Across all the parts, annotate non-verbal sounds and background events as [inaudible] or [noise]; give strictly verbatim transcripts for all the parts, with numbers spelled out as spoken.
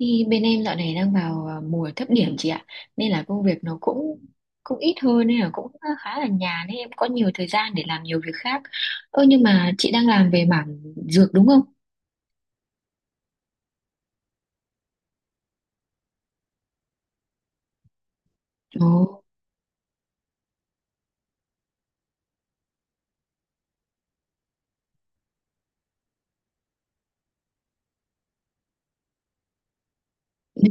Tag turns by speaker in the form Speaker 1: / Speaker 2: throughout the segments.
Speaker 1: Thì bên em dạo này đang vào à, mùa thấp điểm chị ạ, nên là công việc nó cũng cũng ít hơn, nên là cũng khá là nhàn, nên em có nhiều thời gian để làm nhiều việc khác. Ơ nhưng mà chị đang làm về mảng dược đúng không? Ồ Ừ,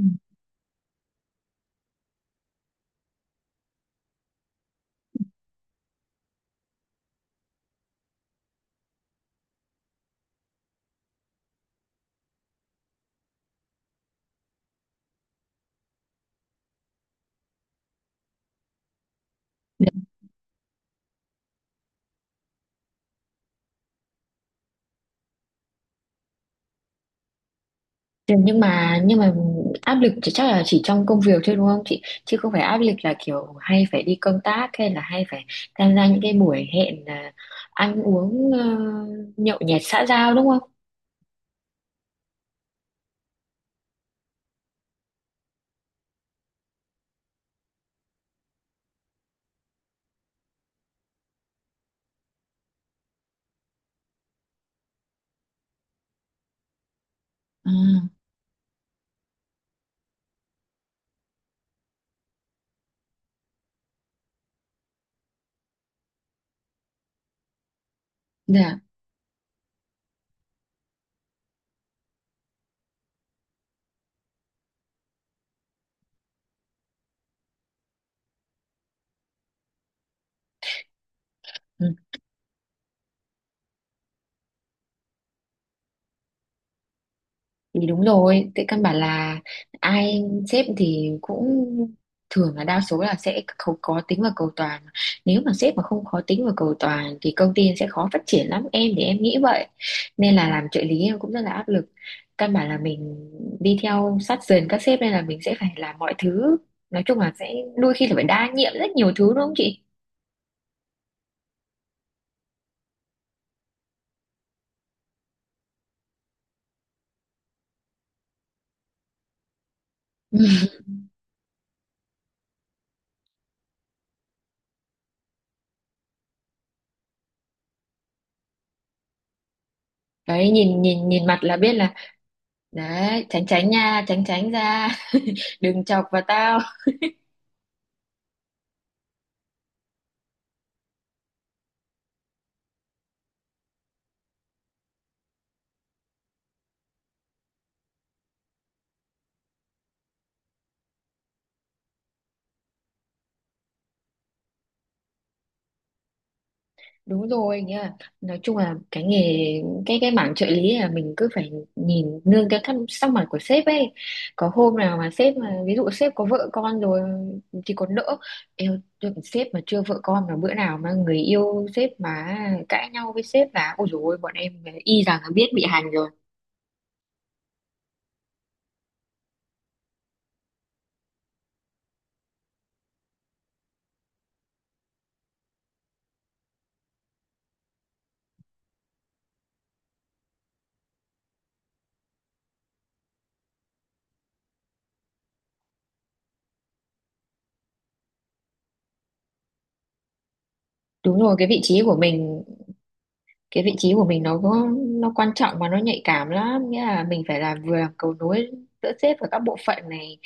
Speaker 1: thế nhưng mà nhưng mà áp lực chỉ chắc là chỉ trong công việc thôi đúng không chị, chứ không phải áp lực là kiểu hay phải đi công tác hay là hay phải tham gia những cái buổi hẹn, à, ăn uống, ờ, nhậu nhẹt xã giao đúng không? à, dạ, thì đúng rồi, tại căn bản là ai sếp thì cũng thường là đa số là sẽ khó, khó tính và cầu toàn. Nếu mà sếp mà không khó tính và cầu toàn thì công ty sẽ khó phát triển lắm, em thì em nghĩ vậy, nên là làm trợ lý em cũng rất là áp lực. Căn bản là mình đi theo sát sườn các sếp, nên là mình sẽ phải làm mọi thứ, nói chung là sẽ đôi khi là phải đa nhiệm rất nhiều thứ đúng không chị. [laughs] Đấy, nhìn nhìn nhìn mặt là biết là. Đấy, tránh tránh nha, tránh tránh ra. [laughs] Đừng chọc vào tao. Đúng rồi nha. Nói chung là cái nghề, cái cái mảng trợ lý là mình cứ phải nhìn nương cái thăm sắc mặt của sếp ấy. Có hôm nào mà sếp mà ví dụ sếp có vợ con rồi thì còn đỡ. Eo, tôi- sếp mà chưa vợ con mà bữa nào mà người yêu sếp mà cãi nhau với sếp là ôi dồi ôi, bọn em y rằng là biết bị hành rồi. Đúng rồi, cái vị trí của mình cái vị trí của mình nó có nó quan trọng và nó nhạy cảm lắm, nghĩa là mình phải là vừa làm cầu nối giữa sếp và các bộ phận này,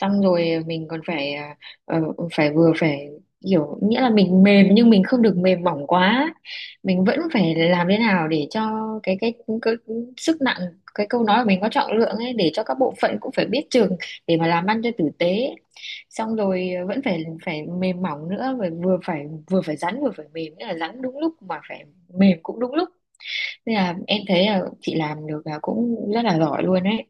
Speaker 1: xong rồi mình còn phải à, ờ, phải vừa phải hiểu, nghĩa là mình mềm nhưng mình không được mềm mỏng quá. Mình vẫn phải làm thế nào để cho cái cái, cái sức nặng, cái câu nói của mình có trọng lượng ấy, để cho các bộ phận cũng phải biết chừng để mà làm ăn cho tử tế, xong rồi vẫn phải phải mềm mỏng nữa, và vừa phải vừa phải rắn vừa phải mềm, nghĩa là rắn đúng lúc mà phải mềm cũng đúng lúc. Nên là em thấy là chị làm được là cũng rất là giỏi luôn đấy.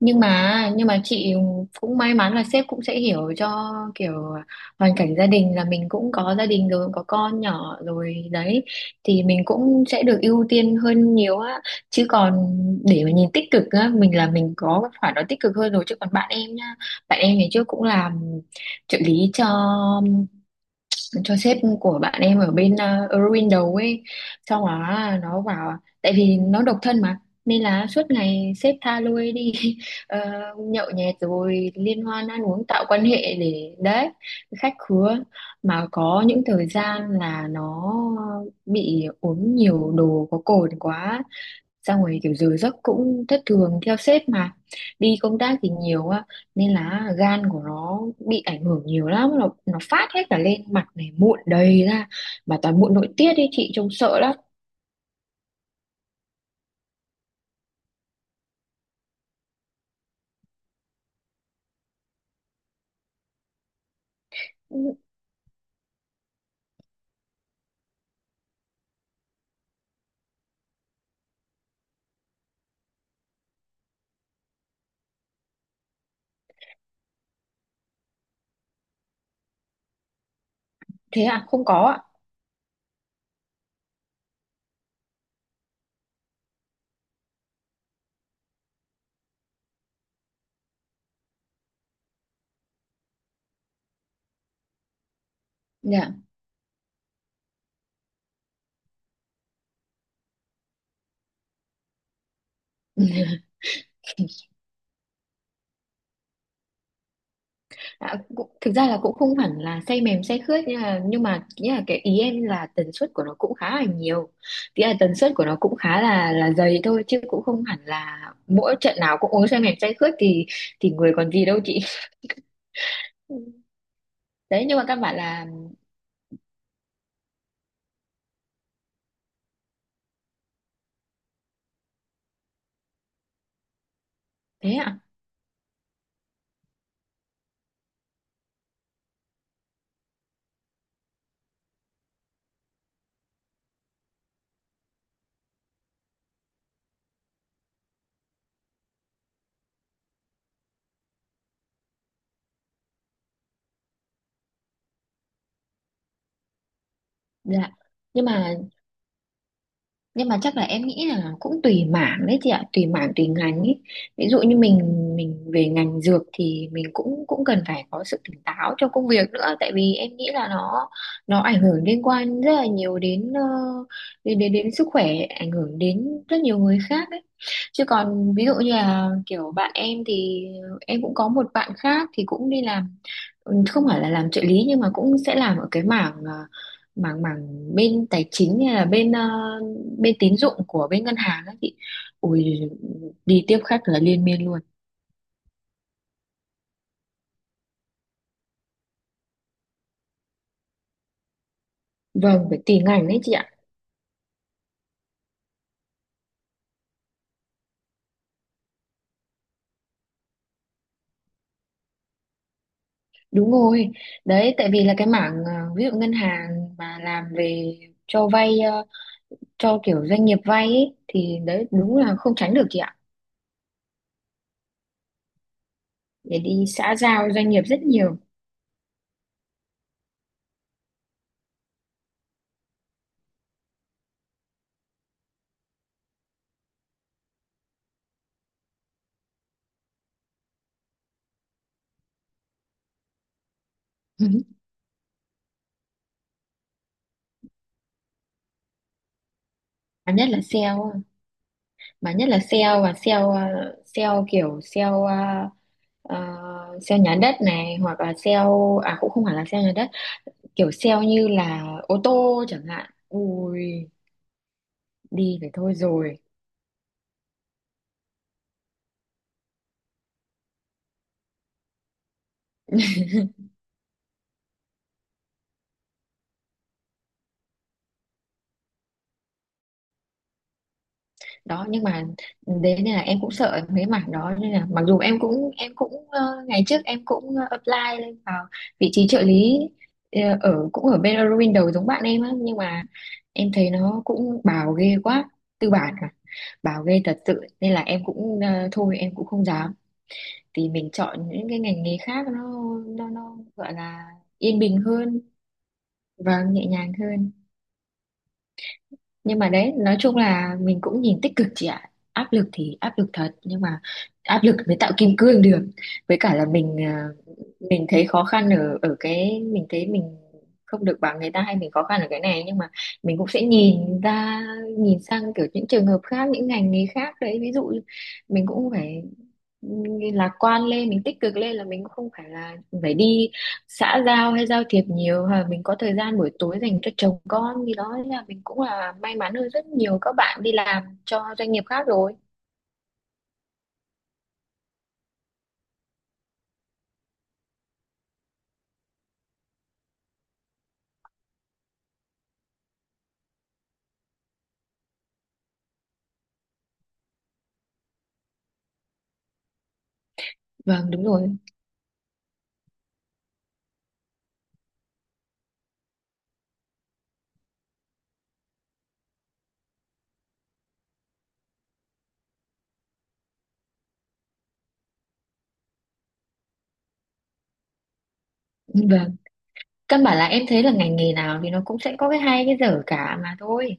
Speaker 1: Nhưng mà nhưng mà chị cũng may mắn là sếp cũng sẽ hiểu cho kiểu hoàn cảnh gia đình, là mình cũng có gia đình rồi có con nhỏ rồi đấy, thì mình cũng sẽ được ưu tiên hơn nhiều á, chứ còn để mà nhìn tích cực á, mình là mình có cái khoản đó tích cực hơn rồi. Chứ còn bạn em nhá, bạn em ngày trước cũng làm trợ lý cho cho sếp của bạn em ở bên uh, Eurowindow ấy, xong đó là nó bảo tại vì nó độc thân mà, nên là suốt ngày sếp tha lôi đi. [laughs] ờ, Nhậu nhẹt rồi liên hoan ăn uống tạo quan hệ để đấy, khách khứa, mà có những thời gian là nó bị uống nhiều đồ có cồn quá, xong rồi kiểu giờ giấc cũng thất thường theo sếp mà đi công tác thì nhiều, nên là gan của nó bị ảnh hưởng nhiều lắm, nó nó phát hết cả lên mặt này, mụn đầy ra, mà toàn mụn nội tiết ấy chị, trông sợ lắm. Thế à, không có ạ. Dạ. [laughs] À, cũng- thực ra là cũng không hẳn là say mềm say khướt, nhưng mà nhưng mà ý là cái ý em là tần suất của nó cũng khá là nhiều, nghĩa là tần suất của nó cũng khá là là dày thôi, chứ cũng không hẳn là mỗi trận nào cũng uống say mềm say khướt, thì thì người còn gì đâu chị. [laughs] Đấy, nhưng mà các bạn là. Thế ạ. Dạ. Nhưng mà nhưng mà chắc là em nghĩ là cũng tùy mảng đấy chị ạ, tùy mảng tùy ngành ấy. Ví dụ như mình mình về ngành dược thì mình cũng cũng cần phải có sự tỉnh táo trong công việc nữa, tại vì em nghĩ là nó nó ảnh hưởng liên quan rất là nhiều đến ờ, đến đến, đến sức khỏe, ảnh hưởng đến rất nhiều người khác ấy. Chứ còn ví dụ như là kiểu bạn em thì em cũng có một bạn khác thì cũng đi làm, ừ, không phải là làm trợ lý nhưng mà cũng sẽ làm ở cái mảng, ờ, mảng mảng bên tài chính, hay là bên ờ, bên tín dụng của bên ngân hàng ấy chị. Ui, đi tiếp khách là liên miên luôn. Vâng, phải tùy ngành đấy chị ạ. Đúng rồi, đấy tại vì là cái mảng, ờ, ví dụ ngân hàng mà làm về cho vay, ờ, cho kiểu doanh nghiệp vay ấy, thì đấy đúng là không tránh được chị ạ, để đi xã giao doanh nghiệp rất nhiều. [laughs] mà nhất là sale mà nhất là sale và sale, ờ, sale kiểu sale, ờ, ờ, sale nhà đất này, hoặc là sale, à cũng không hẳn là sale nhà đất, kiểu sale như là ô tô chẳng hạn. Ui, đi phải thôi rồi. Đó, nhưng mà đấy nên là em cũng sợ mấy mảng đó, nên là mặc dù em cũng em cũng ờ, ngày trước em cũng ờ, apply lên vào vị trí trợ lý, ờ, ở cũng ở bên Eurowindow giống bạn em á, nhưng mà em thấy nó cũng bào ghê quá, tư bản à, bào ghê thật sự, nên là em cũng ờ, thôi em cũng không dám, thì mình chọn những cái ngành nghề khác, nó nó nó gọi là yên bình hơn và nhẹ nhàng hơn. Nhưng mà đấy, nói chung là mình cũng nhìn tích cực chị ạ, áp lực thì áp lực thật, nhưng mà áp lực mới tạo kim cương được. Với cả là mình à, mình thấy khó khăn ở ở cái mình thấy mình không được bằng người ta, hay mình khó khăn ở cái này, nhưng mà mình cũng sẽ nhìn ra nhìn sang kiểu những trường hợp khác, những ngành nghề khác đấy. Ví dụ mình cũng phải ừ, lạc quan lên, mình tích cực lên là mình cũng không phải là phải đi xã giao hay giao thiệp nhiều, hoặc là mình có thời gian buổi tối dành cho chồng con, thì đó là mình cũng là may mắn hơn rất nhiều các bạn đi làm cho doanh nghiệp khác rồi. Vâng, đúng rồi. Vâng, căn bản là em thấy là ngành nghề nào thì nó cũng sẽ có cái hay cái dở cả mà thôi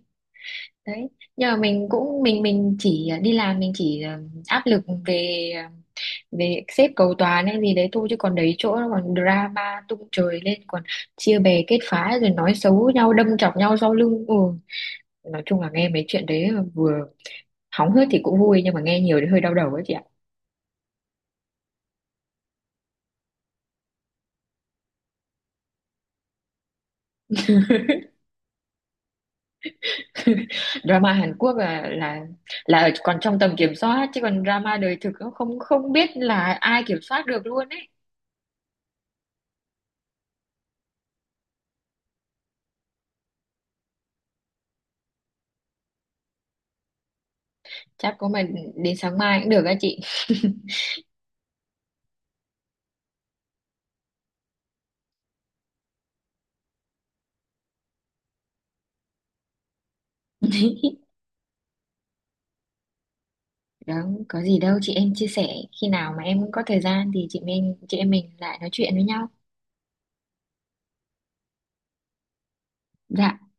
Speaker 1: đấy. Nhưng mà mình cũng mình mình chỉ đi làm, mình chỉ ờ, áp lực về ờ, về xếp cầu toàn hay gì đấy thôi, chứ còn đấy chỗ nó còn drama tung trời lên, còn chia bè kết phái rồi nói xấu nhau đâm chọc nhau sau lưng. Ừ, nói chung là nghe mấy chuyện đấy vừa hóng hớt thì cũng vui, nhưng mà nghe nhiều thì hơi đau đầu ấy chị ạ. [laughs] Drama Hàn Quốc là là là còn trong tầm kiểm soát, chứ còn drama đời thực nó không không biết là ai kiểm soát được luôn ấy. Chắc có mà đến sáng mai cũng được á chị. [laughs] Đó, có gì đâu chị, em chia sẻ. Khi nào mà em có thời gian thì chị mình chị em mình lại nói chuyện với nhau. Dạ.